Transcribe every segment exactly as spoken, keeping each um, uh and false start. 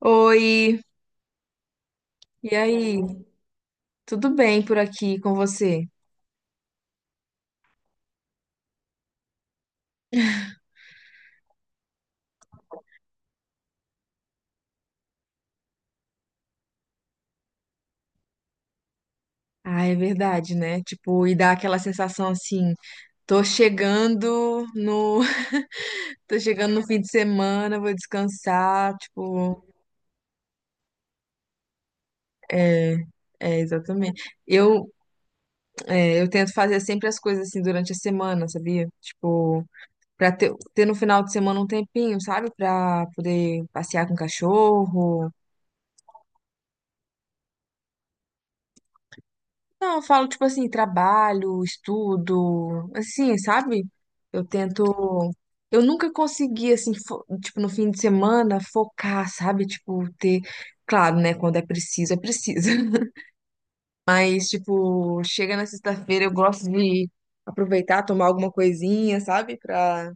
Oi, e aí? Tudo bem por aqui com você? Ah, é verdade, né? Tipo, e dá aquela sensação assim, tô chegando no, tô chegando no fim de semana, vou descansar, tipo, é, é exatamente. Eu, é, eu tento fazer sempre as coisas assim durante a semana, sabia? Tipo, pra ter, ter no final de semana um tempinho, sabe? Pra poder passear com o cachorro. Não, eu falo, tipo assim, trabalho, estudo, assim, sabe? Eu tento. Eu nunca consegui, assim, fo- tipo, no fim de semana, focar, sabe? Tipo, ter. Claro, né? Quando é preciso, é preciso. Mas, tipo, chega na sexta-feira, eu gosto de aproveitar, tomar alguma coisinha, sabe? Pra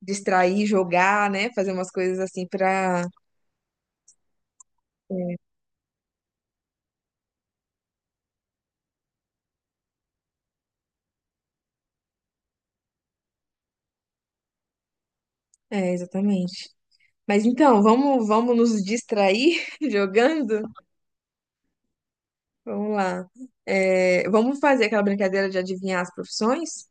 distrair, jogar, né? Fazer umas coisas assim pra. É, é, exatamente. Mas então, vamos, vamos nos distrair jogando? Vamos lá. É, vamos fazer aquela brincadeira de adivinhar as profissões?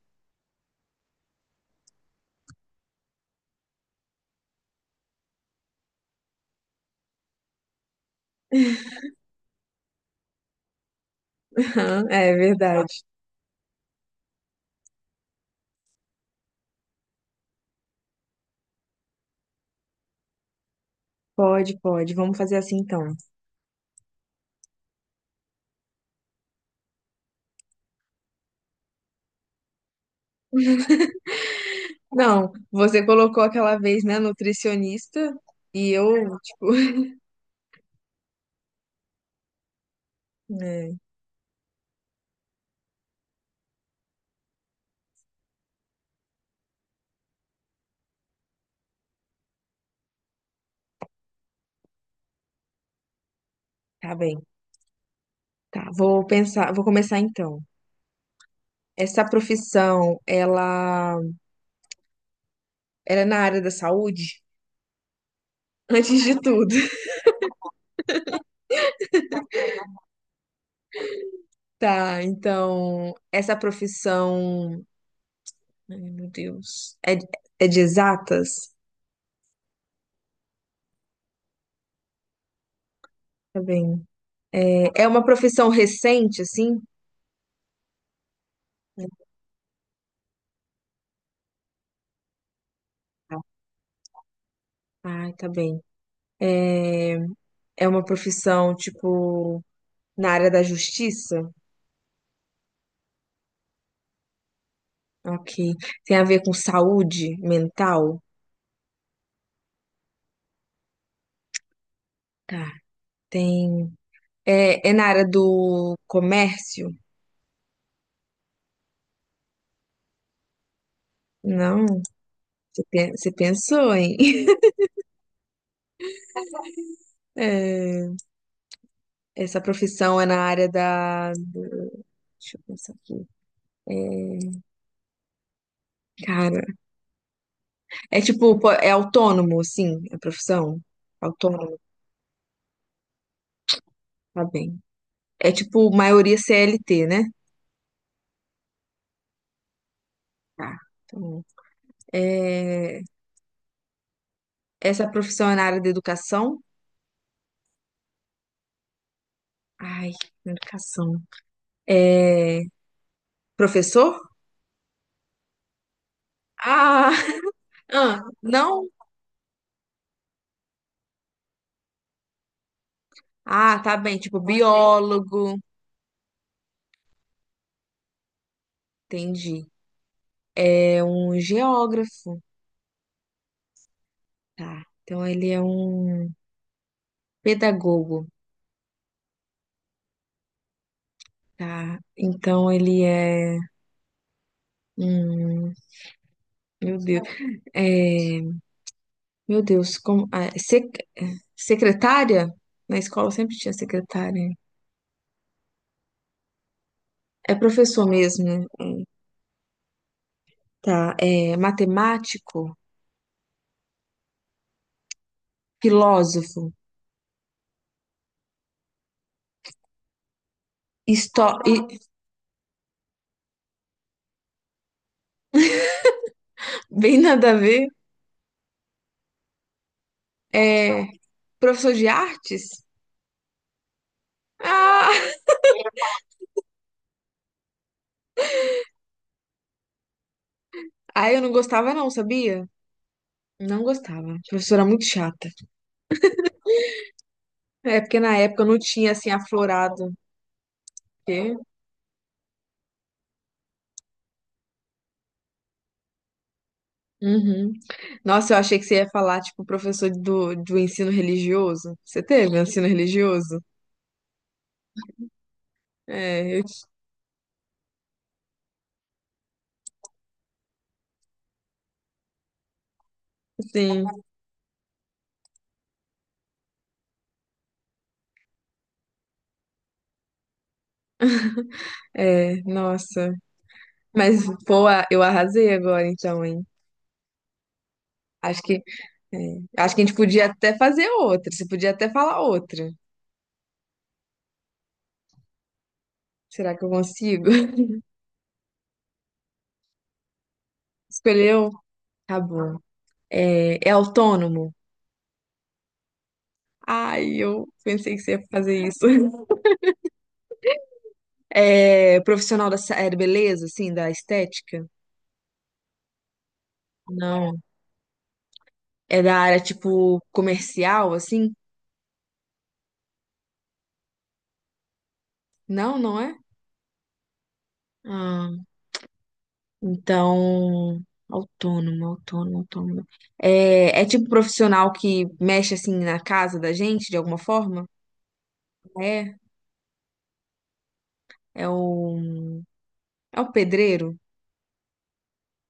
É verdade. Pode, pode. Vamos fazer assim então. Não, você colocou aquela vez, né, nutricionista, e eu, tipo, é, tá bem. Tá, vou pensar, vou começar então. Essa profissão, ela, ela é na área da saúde? Antes de tudo. Tá, então, essa profissão, ai, meu Deus, é, é de exatas? Tá bem. É uma profissão recente, assim? Ah, tá. Ai, tá bem. É, é uma profissão, tipo, na área da justiça? Ok. Tem a ver com saúde mental? Tá. Tem. É, é na área do comércio? Não. Você pe- você pensou, hein? É, essa profissão é na área da. Deixa eu pensar aqui. É, cara, é tipo, pô, é autônomo, sim, a profissão? Autônomo, tá bem. É tipo maioria C L T, né? Tá. Então, é, essa profissão é na área da educação? Ai, educação. É professor? Ah, ah, não? Ah, tá bem, tipo biólogo. Entendi. É um geógrafo. Tá. Então ele é um pedagogo. Tá. Então ele é um, meu Deus. É, meu Deus, como ah, sec- secretária? Na escola sempre tinha secretária. É professor mesmo, tá? É matemático, filósofo, histó... e- bem nada a ver. É professor de artes? Ah! Aí eu não gostava não, sabia? Não gostava. A professora muito chata. É porque na época eu não tinha assim aflorado. Quê? Uhum. Nossa, eu achei que você ia falar, tipo, professor do, do ensino religioso. Você teve um ensino religioso? É, eu sim. É, nossa. Mas, pô, a- eu arrasei agora então, hein? Acho que é. Acho que a gente podia até fazer outra. Você podia até falar outra. Será que eu consigo? Escolheu? Tá bom. É, é autônomo? Ai, eu pensei que você ia fazer isso. É profissional da sa- é da beleza, assim, da estética? Não. É da área, tipo, comercial, assim? Não, não é? Ah, então. Autônomo, autônomo, autônomo. É, é tipo profissional que mexe, assim, na casa da gente, de alguma forma? É? É o. É o pedreiro?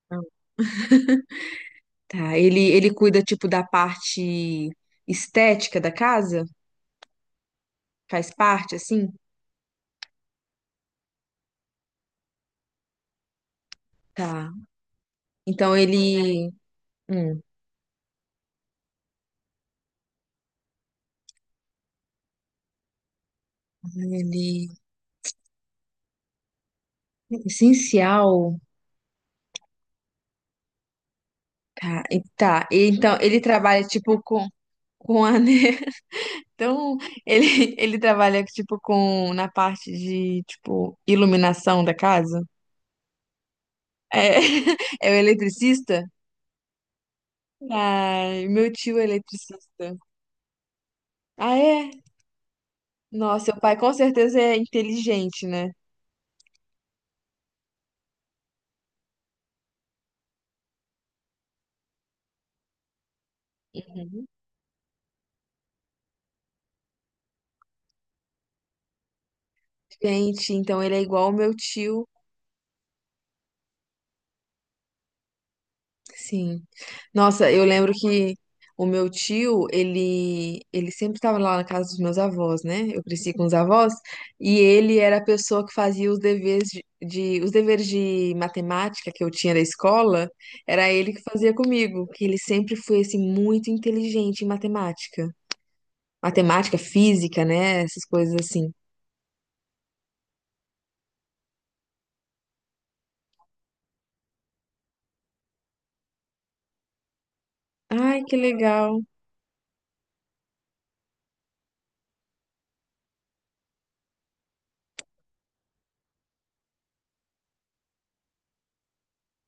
Não. Tá, ele, ele cuida, tipo, da parte estética da casa? Faz parte, assim? Tá. Então ele. Hum, ele. Essencial. Tá. e- Tá. E então ele trabalha, tipo, com, com a. Então ele, ele trabalha, tipo, com. Na parte de, tipo, iluminação da casa? É, é o eletricista? Ai, meu tio é eletricista. Ah, é? Nossa, seu pai com certeza é inteligente, né? Uhum. Gente, então ele é igual o meu tio. Sim. Nossa, eu lembro que o meu tio, ele, ele sempre estava lá na casa dos meus avós, né? Eu cresci com os avós e ele era a pessoa que fazia os deveres de, de- os deveres de matemática que eu tinha da escola, era ele que fazia comigo, que ele sempre foi assim muito inteligente em matemática. Matemática, física, né? Essas coisas assim. Ai, que legal.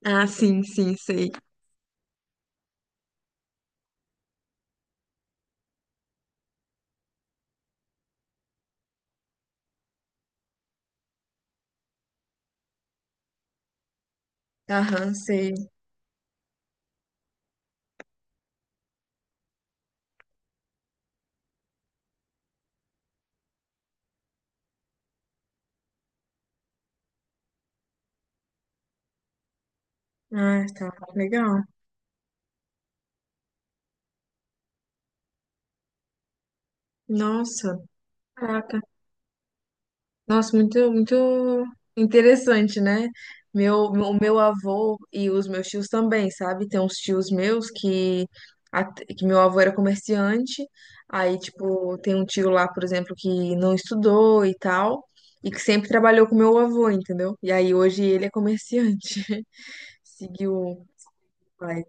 Ah, sim, sim, sei. Aham, sei. Ah, tá. Legal. Nossa, caraca. Nossa, muito, muito interessante, né? Meu, meu- o meu avô e os meus tios também, sabe? Tem uns tios meus que, at- que meu avô era comerciante, aí, tipo, tem um tio lá, por exemplo, que não estudou e tal, e que sempre trabalhou com meu avô, entendeu? E aí hoje ele é comerciante. Seguiu o pai.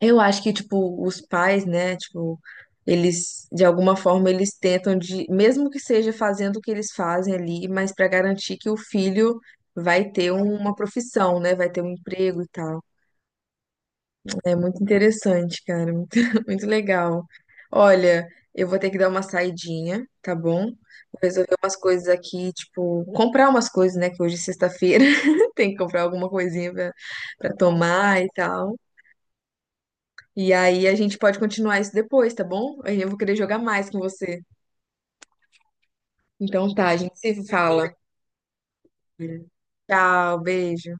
Eu acho que, tipo, os pais, né, tipo, eles, de alguma forma, eles tentam de, mesmo que seja fazendo o que eles fazem ali, mas para garantir que o filho vai ter uma profissão, né, vai ter um emprego e tal. É muito interessante, cara, muito, muito legal. Olha, eu vou ter que dar uma saidinha, tá bom? Vou resolver umas coisas aqui, tipo, comprar umas coisas, né, que hoje é sexta-feira, tem que comprar alguma coisinha pra, pra tomar e tal. E aí a gente pode continuar isso depois, tá bom? Eu vou querer jogar mais com você. Então tá, a gente se fala. Tchau, beijo.